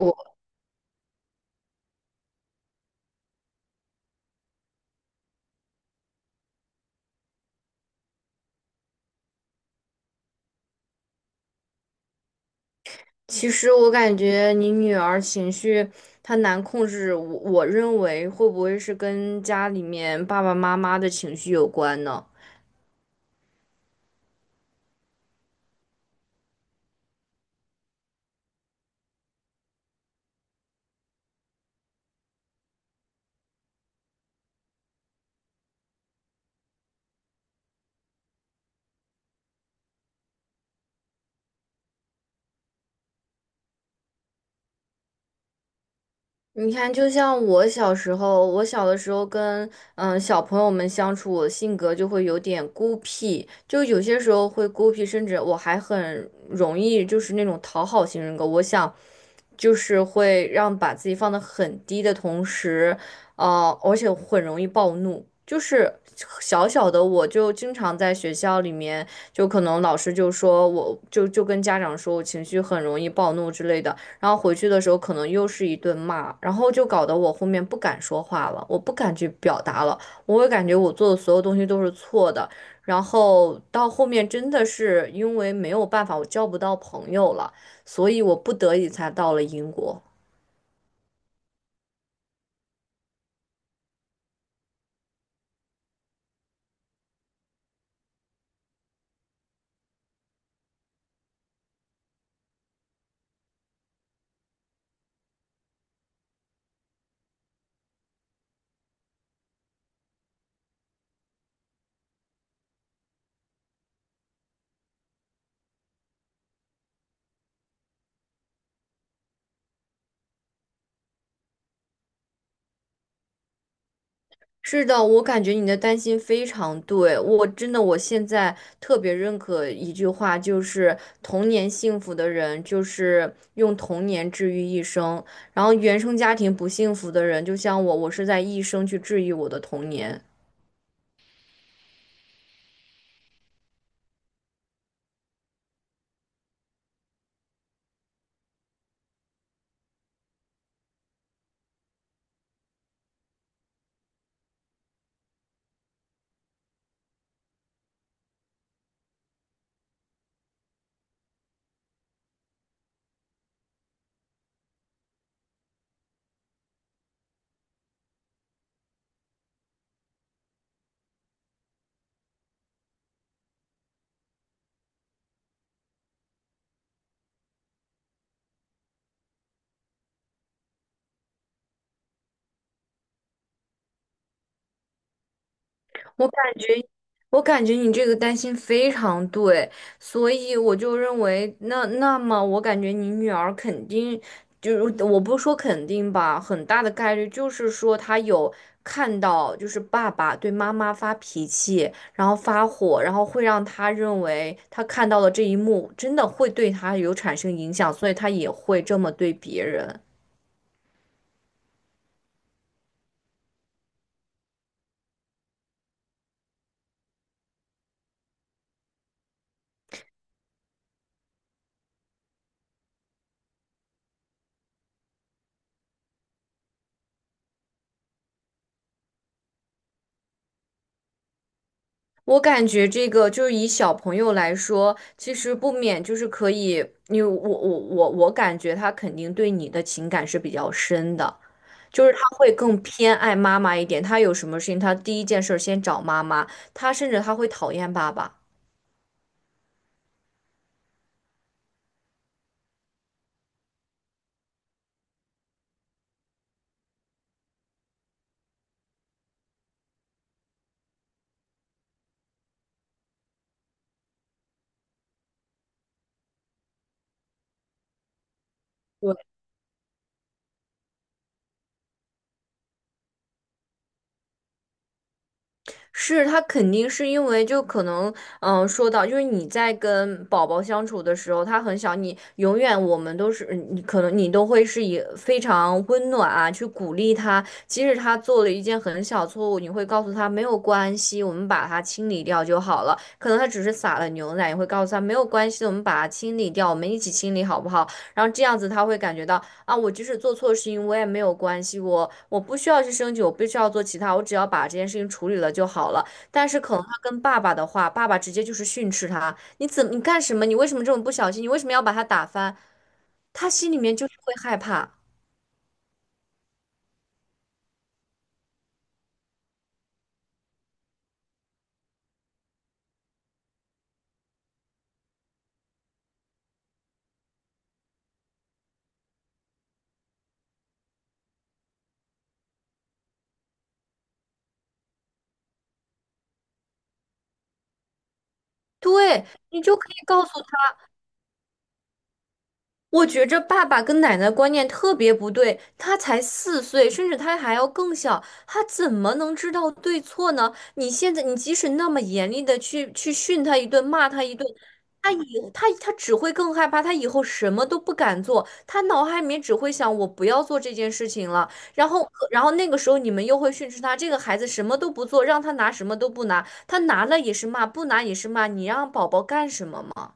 我其实我感觉你女儿情绪她难控制，我认为会不会是跟家里面爸爸妈妈的情绪有关呢？你看，就像我小时候，我小的时候跟小朋友们相处，我性格就会有点孤僻，就有些时候会孤僻，甚至我还很容易就是那种讨好型人格。我想，就是会让把自己放得很低的同时，啊，而且很容易暴怒。就是小小的，我就经常在学校里面，就可能老师就说我跟家长说我情绪很容易暴怒之类的。然后回去的时候可能又是一顿骂，然后就搞得我后面不敢说话了，我不敢去表达了，我会感觉我做的所有东西都是错的，然后到后面真的是因为没有办法，我交不到朋友了，所以我不得已才到了英国。是的，我感觉你的担心非常对，我真的我现在特别认可一句话，就是童年幸福的人就是用童年治愈一生，然后原生家庭不幸福的人，就像我，我是在一生去治愈我的童年。我感觉，我感觉你这个担心非常对，所以我就认为，那么我感觉你女儿肯定，就是我不说肯定吧，很大的概率就是说她有看到，就是爸爸对妈妈发脾气，然后发火，然后会让她认为她看到了这一幕，真的会对她有产生影响，所以她也会这么对别人。我感觉这个就是以小朋友来说，其实不免就是可以，因为我感觉他肯定对你的情感是比较深的，就是他会更偏爱妈妈一点，他有什么事情他第一件事儿先找妈妈，他甚至会讨厌爸爸。是他肯定是因为就可能，说到就是你在跟宝宝相处的时候，他很小，你永远我们都是你可能你都会是以非常温暖啊去鼓励他，即使他做了一件很小错误，你会告诉他没有关系，我们把它清理掉就好了。可能他只是撒了牛奶，也会告诉他没有关系，我们把它清理掉，我们一起清理好不好？然后这样子他会感觉到。啊，我即使做错事情，我也没有关系，我不需要去升级，我不需要做其他，我只要把这件事情处理了就好了。但是可能他跟爸爸的话，爸爸直接就是训斥他，你干什么？你为什么这么不小心？你为什么要把他打翻？他心里面就是会害怕。对，你就可以告诉他。我觉着爸爸跟奶奶观念特别不对，他才四岁，甚至他还要更小，他怎么能知道对错呢？你现在，你即使那么严厉的去训他一顿，骂他一顿，他以他他只会更害怕，他以后什么都不敢做，他脑海里面只会想我不要做这件事情了。然后那个时候你们又会训斥他，这个孩子什么都不做，让他拿什么都不拿，他拿了也是骂，不拿也是骂，你让宝宝干什么嘛？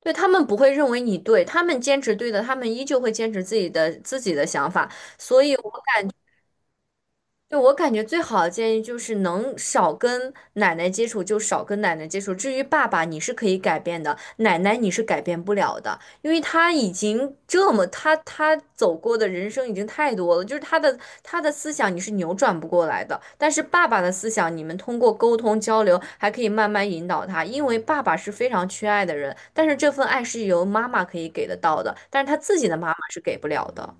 对，他们不会认为你对，他们坚持对的，他们依旧会坚持自己的想法。所以我对，我感觉最好的建议就是能少跟奶奶接触就少跟奶奶接触。至于爸爸，你是可以改变的，奶奶你是改变不了的，因为他已经这么他走过的人生已经太多了，就是他的思想你是扭转不过来的。但是爸爸的思想，你们通过沟通交流还可以慢慢引导他，因为爸爸是非常缺爱的人，但是这份爱是由妈妈可以给得到的，但是他自己的妈妈是给不了的。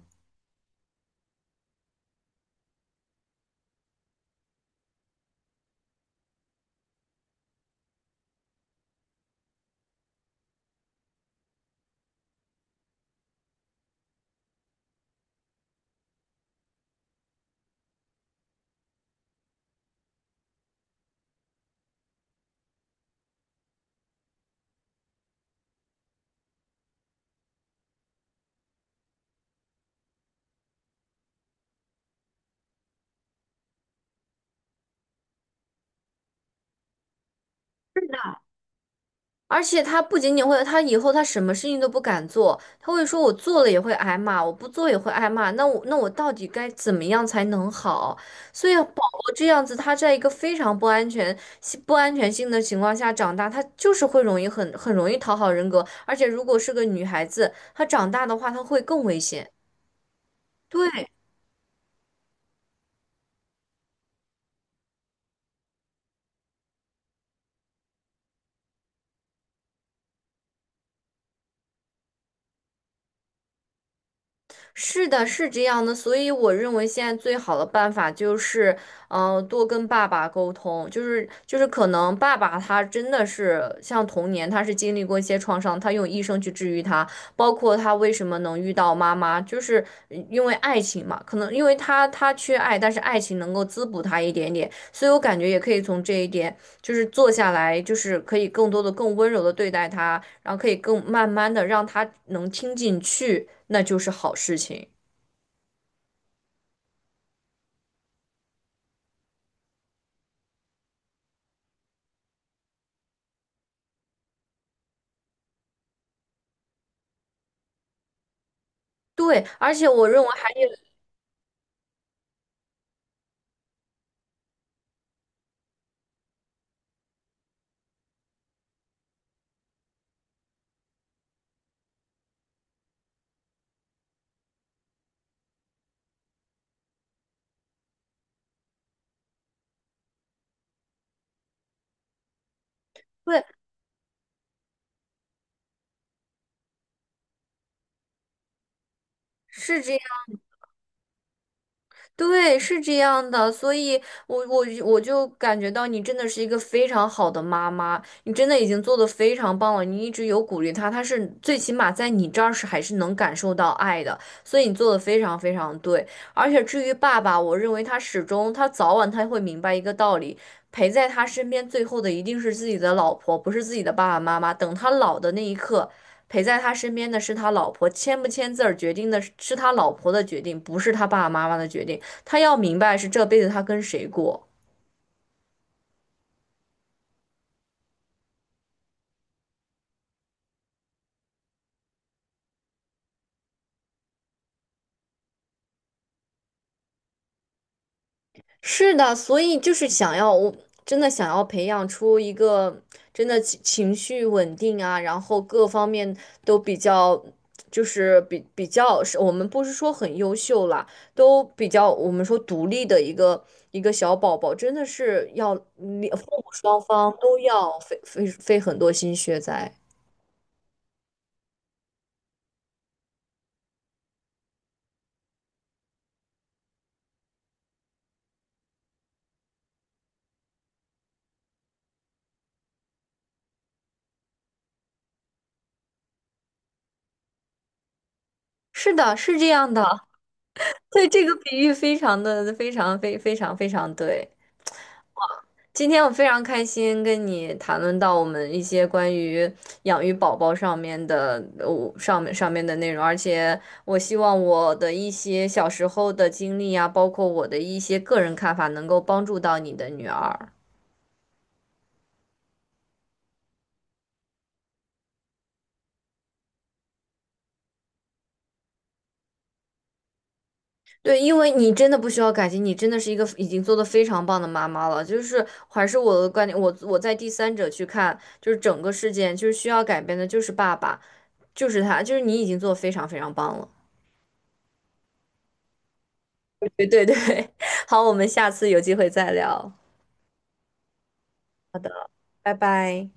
而且他不仅仅会，他以后他什么事情都不敢做，他会说我做了也会挨骂，我不做也会挨骂，那我到底该怎么样才能好？所以宝宝这样子，他在一个非常不安全、不安全性的情况下长大，他就是会容易很容易讨好人格，而且如果是个女孩子，她长大的话，她会更危险。对。是的，是这样的，所以我认为现在最好的办法就是，多跟爸爸沟通，就是可能爸爸他真的是像童年，他是经历过一些创伤，他用一生去治愈他，包括他为什么能遇到妈妈，就是因为爱情嘛，可能因为他缺爱，但是爱情能够滋补他一点点，所以我感觉也可以从这一点。就是坐下来，就是可以更多的、更温柔的对待他，然后可以更慢慢的让他能听进去，那就是好事情。对，而且我认为还有，对，是这样。对，是这样的，所以我就感觉到你真的是一个非常好的妈妈，你真的已经做的非常棒了，你一直有鼓励他，他是最起码在你这儿是还是能感受到爱的，所以你做的非常非常对。而且至于爸爸，我认为他始终早晚他会明白一个道理，陪在他身边最后的一定是自己的老婆，不是自己的爸爸妈妈。等他老的那一刻。陪在他身边的是他老婆，签不签字儿决定的是他老婆的决定，不是他爸爸妈妈的决定。他要明白是这辈子他跟谁过。是的，所以就是想要，我真的想要培养出一个真的情绪稳定啊，然后各方面都比较，就是比较是，我们不是说很优秀啦，都比较我们说独立的一个小宝宝，真的是要两父母双方都要费很多心血在。是的，是这样的。对，这个比喻非常非常对。今天我非常开心跟你谈论到我们一些关于养育宝宝上面的，上面的内容，而且我希望我的一些小时候的经历啊，包括我的一些个人看法，能够帮助到你的女儿。对，因为你真的不需要感激，你真的是一个已经做的非常棒的妈妈了。就是还是我的观点，我在第三者去看，就是整个事件，就是需要改变的就是爸爸，就是他，就是你已经做得非常非常棒了。对对对，好，我们下次有机会再聊，拜拜。